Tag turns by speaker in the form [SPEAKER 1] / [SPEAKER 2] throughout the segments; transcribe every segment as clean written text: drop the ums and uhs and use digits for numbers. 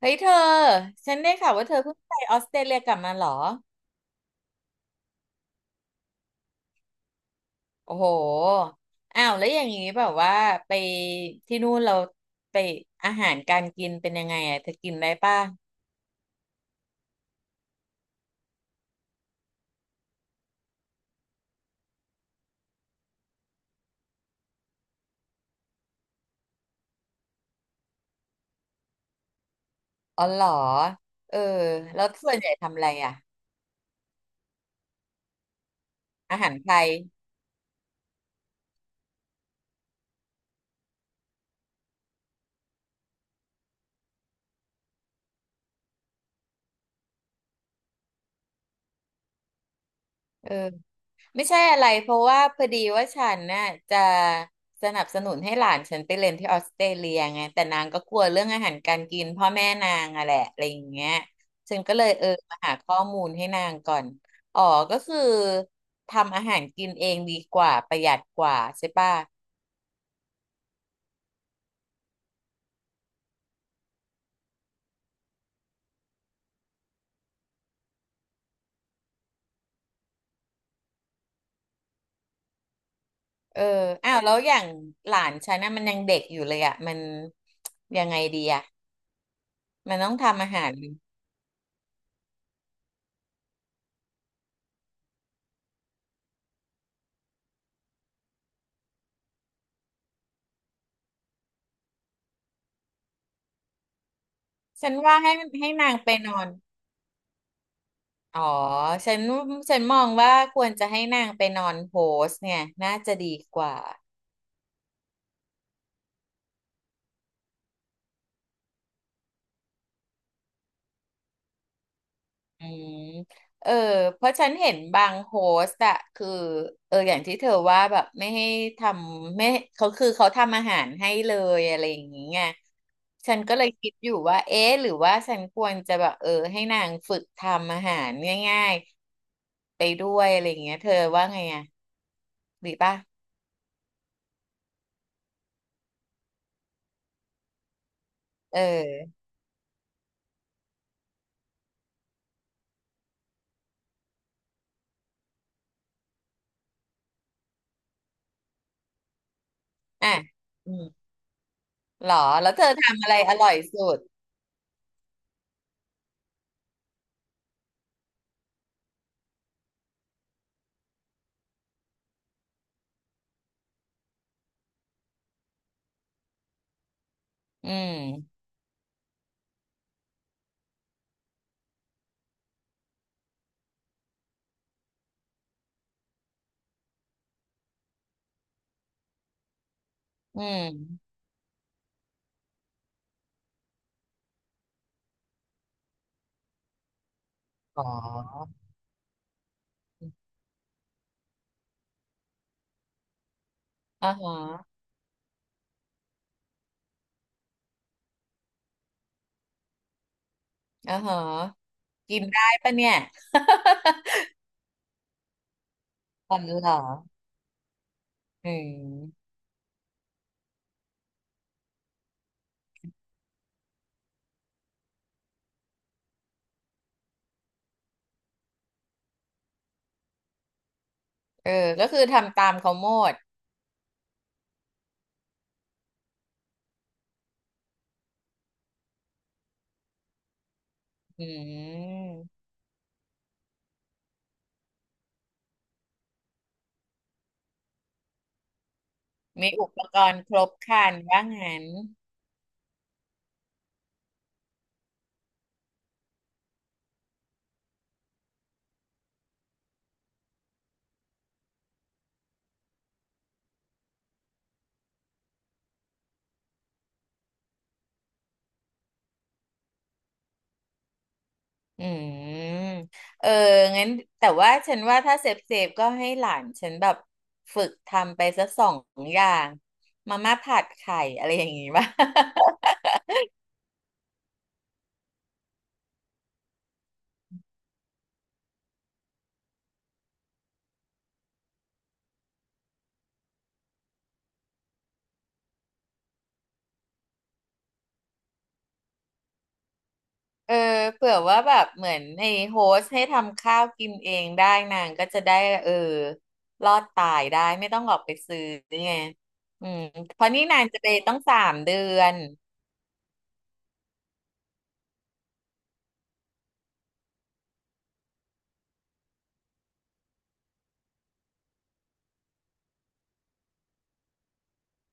[SPEAKER 1] เฮ้ยเธอฉันได้ข่าวว่าเธอเพิ่งไปออสเตรเลียกลับมาเหรอโอ้โหอ้าวแล้วอย่างนี้แบบว่าไปที่นู่นเราไปอาหารการกินเป็นยังไงอ่ะเธอกินได้ป่ะอ๋อเหรอเออแล้วส่วนใหญ่ทำอะไรอ่ะอาหารไทยเออ ไม่ใช่อะไรเพราะว่าพอดีว่าฉันน่ะจะสนับสนุนให้หลานฉันไปเรียนที่ออสเตรเลียไงแต่นางก็กลัวเรื่องอาหารการกินพ่อแม่นางอะแหละอะไรอย่างเงี้ยฉันก็เลยมาหาข้อมูลให้นางก่อนอ๋อก็คือทำอาหารกินเองดีกว่าประหยัดกว่าใช่ป่ะเอออ้าวแล้วอย่างหลานฉันน่ะมันยังเด็กอยู่เลยอะมันยังไงดีอะมันต้องทำอาหารฉันว่าให้นางไปนอน อ๋อฉันฉันมองว่าควรจะให้นางไปนอนโฮสเนี่ยน่าจะดีกว่าอืมเออเพราะฉันเห็นบางโฮสต์อะคืออย่างที่เธอว่าแบบไม่ให้ทำไม่เขาคือเขาทำอาหารให้เลยอะไรอย่างเงี้ยฉันก็เลยคิดอยู่ว่าเอ๊ะหรือว่าฉันควรจะแบบให้นางฝึกทำอาหารง่ายๆไปด้วยอะไรอย่างเงี้ยเธอว่าไงอะดีป่ะเอออ่ะอืมหรอแล้วเธอทำอะไรอร่อยสุด อืม อืม อ๋ออ๋อฮะอ่อฮะกินได้ปะเนี่ย อ๋อเหรอ อืมเออก็คือทำตามเขาหมดอืม มีอุปกรณ์ครบครันว่างั้นอืมเอองั้นแต่ว่าฉันว่าถ้าเซฟก็ให้หลานฉันแบบฝึกทำไปสักสองอย่าง มาม่าผัดไข่อะไรอย่างงี้ป่ะ เออเผื่อว่าแบบเหมือนไอ้โฮสต์ให้ทำข้าวกินเองได้นางก็จะได้เออรอดตายได้ไม่ต้องออกไปซื้อไงอืมเพราะนี่นางจะไปต้องสามเดือน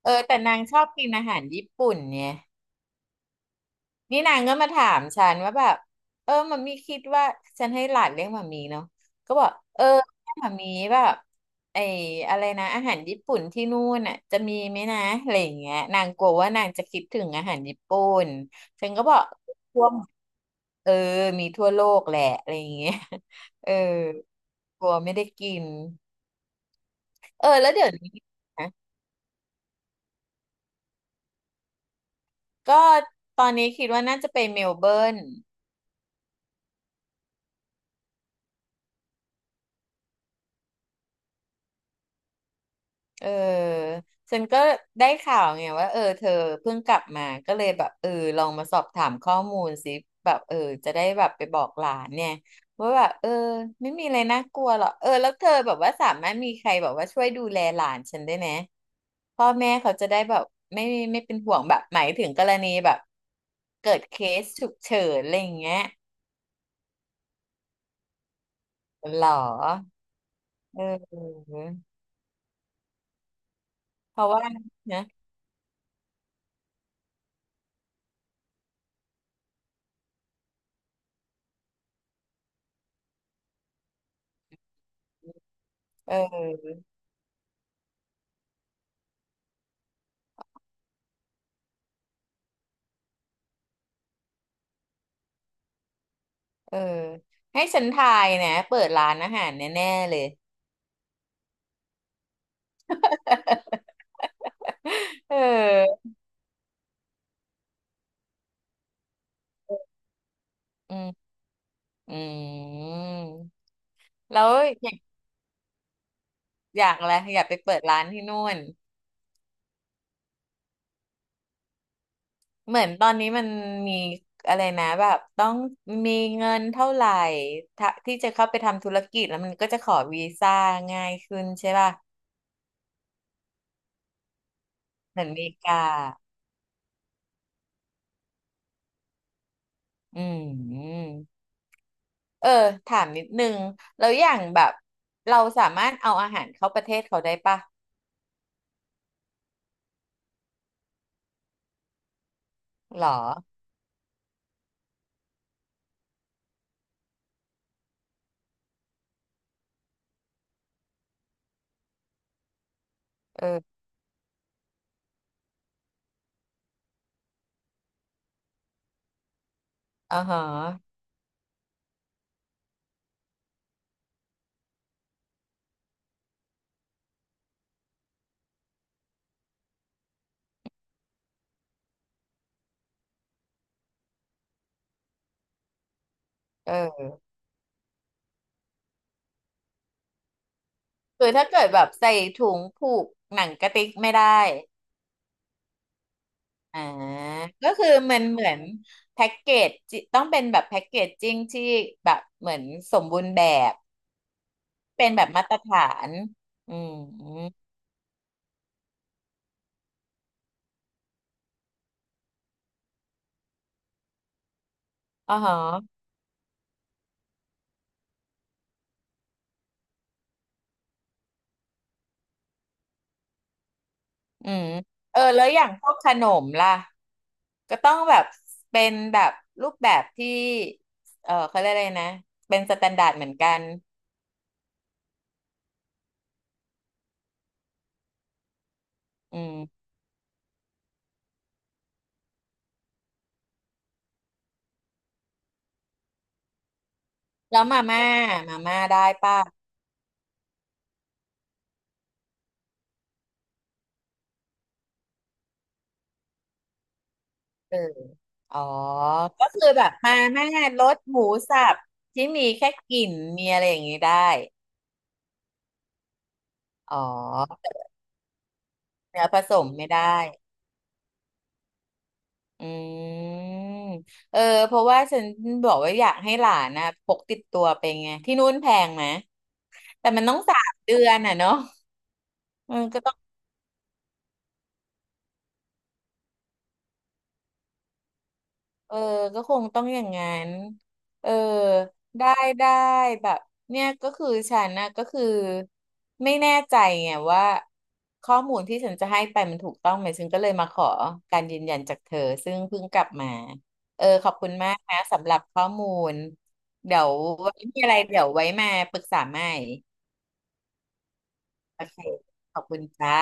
[SPEAKER 1] เออแต่นางชอบกินอาหารญี่ปุ่นเนี่ย นี่นางก็มาถามฉันว่าแบบมัมมี่คิดว่าฉันให้หลานเลี้ยงมัมมี่เนาะก็บอกเออมัมมี่แบบไอ้อะไรนะอาหารญี่ปุ่นที่นู่นน่ะจะมีไหมนะอะไรอย่างเงี้ยนางกลัวว่านางจะคิดถึงอาหารญี่ปุ่นฉันก็บอกทั่วเออมีทั่วโลกแหละอะไรอย่างเงี้ย เออกลัวไม่ได้กินเออแล้วเดี๋ยวนี้นะก็ตอนนี้คิดว่าน่าจะไปเมลเบิร์น เออฉันก็ได้ข่าวไงว่าเธอเพิ่งกลับมาก็เลยแบบลองมาสอบถามข้อมูลสิแบบจะได้แบบไปบอกหลานเนี่ยว่าแบบไม่มีอะไรน่ากลัวหรอกแล้วเธอแบบว่าสามารถมีใครแบบว่าช่วยดูแลหลานฉันได้ไหมพ่อแม่เขาจะได้แบบไม่ไม่เป็นห่วงแบบหมายถึงกรณีแบบเกิดเคสฉุกเฉินอะไรอย่างเงี้ยหรอเออเพราะว่านะเออ เออให้ฉันทายนะเปิดร้านอาหารแน่ๆเลยเอออืมอืมแล้วอยากอยากอะไรอยากไปเปิดร้านที่นู่นเหมือนตอนนี้มันมีอะไรนะแบบต้องมีเงินเท่าไหร่ถ้าที่จะเข้าไปทำธุรกิจแล้วมันก็จะขอวีซ่าง่ายขึ้นใช่ป่ะเหมือนอเมริกาอืมเออถามนิดนึงแล้วอย่างแบบเราสามารถเอาอาหารเข้าประเทศเขาได้ป่ะหรอเอออ่าฮะ เออคือถ้าเกิดแบบใส่ถุงผูกหนังกระติกไม่ได้อ่าก็คือมันเหมือนแพ็กเกจจิต้องเป็นแบบแพ็กเกจจิ้งที่แบบเหมือนสมบูรณ์แบบเป็นแบบมาตรฐานอืมอ๋อฮะอืมเออแล้วอย่างพวกขนมล่ะก็ต้องแบบเป็นแบบรูปแบบที่เขาเรียกอะไรนะเป็นสแตนดาร์ดเหมือนกันอืมแล้วมาม่าได้ป่ะ เอออ๋อ ก็คือแบบมาแม่ารสหมูสับที่มีแค่กลิ่นมีอะไรอย่างนี้ได้ อ๋อเนื้อผสมไม่ได้อืมเออ เพราะว่าฉันบอกว่าอยากให้หลานนะพกติดตัวไปไงที่นู่นแพงไหมแต่มันต้องสามเดือนอ่ะเนาะเอืมก็ เออก็คงต้องอย่างงั้นเออได้ได้แบบเนี่ยก็คือฉันนะก็คือไม่แน่ใจไงว่าข้อมูลที่ฉันจะให้ไปมันถูกต้องไหมฉันก็เลยมาขอการยืนยันจากเธอซึ่งเพิ่งกลับมาเออขอบคุณมากนะสำหรับข้อมูลเดี๋ยวไว้มีอะไรเดี๋ยวไว้มาปรึกษาใหม่โอเคขอบคุณจ้า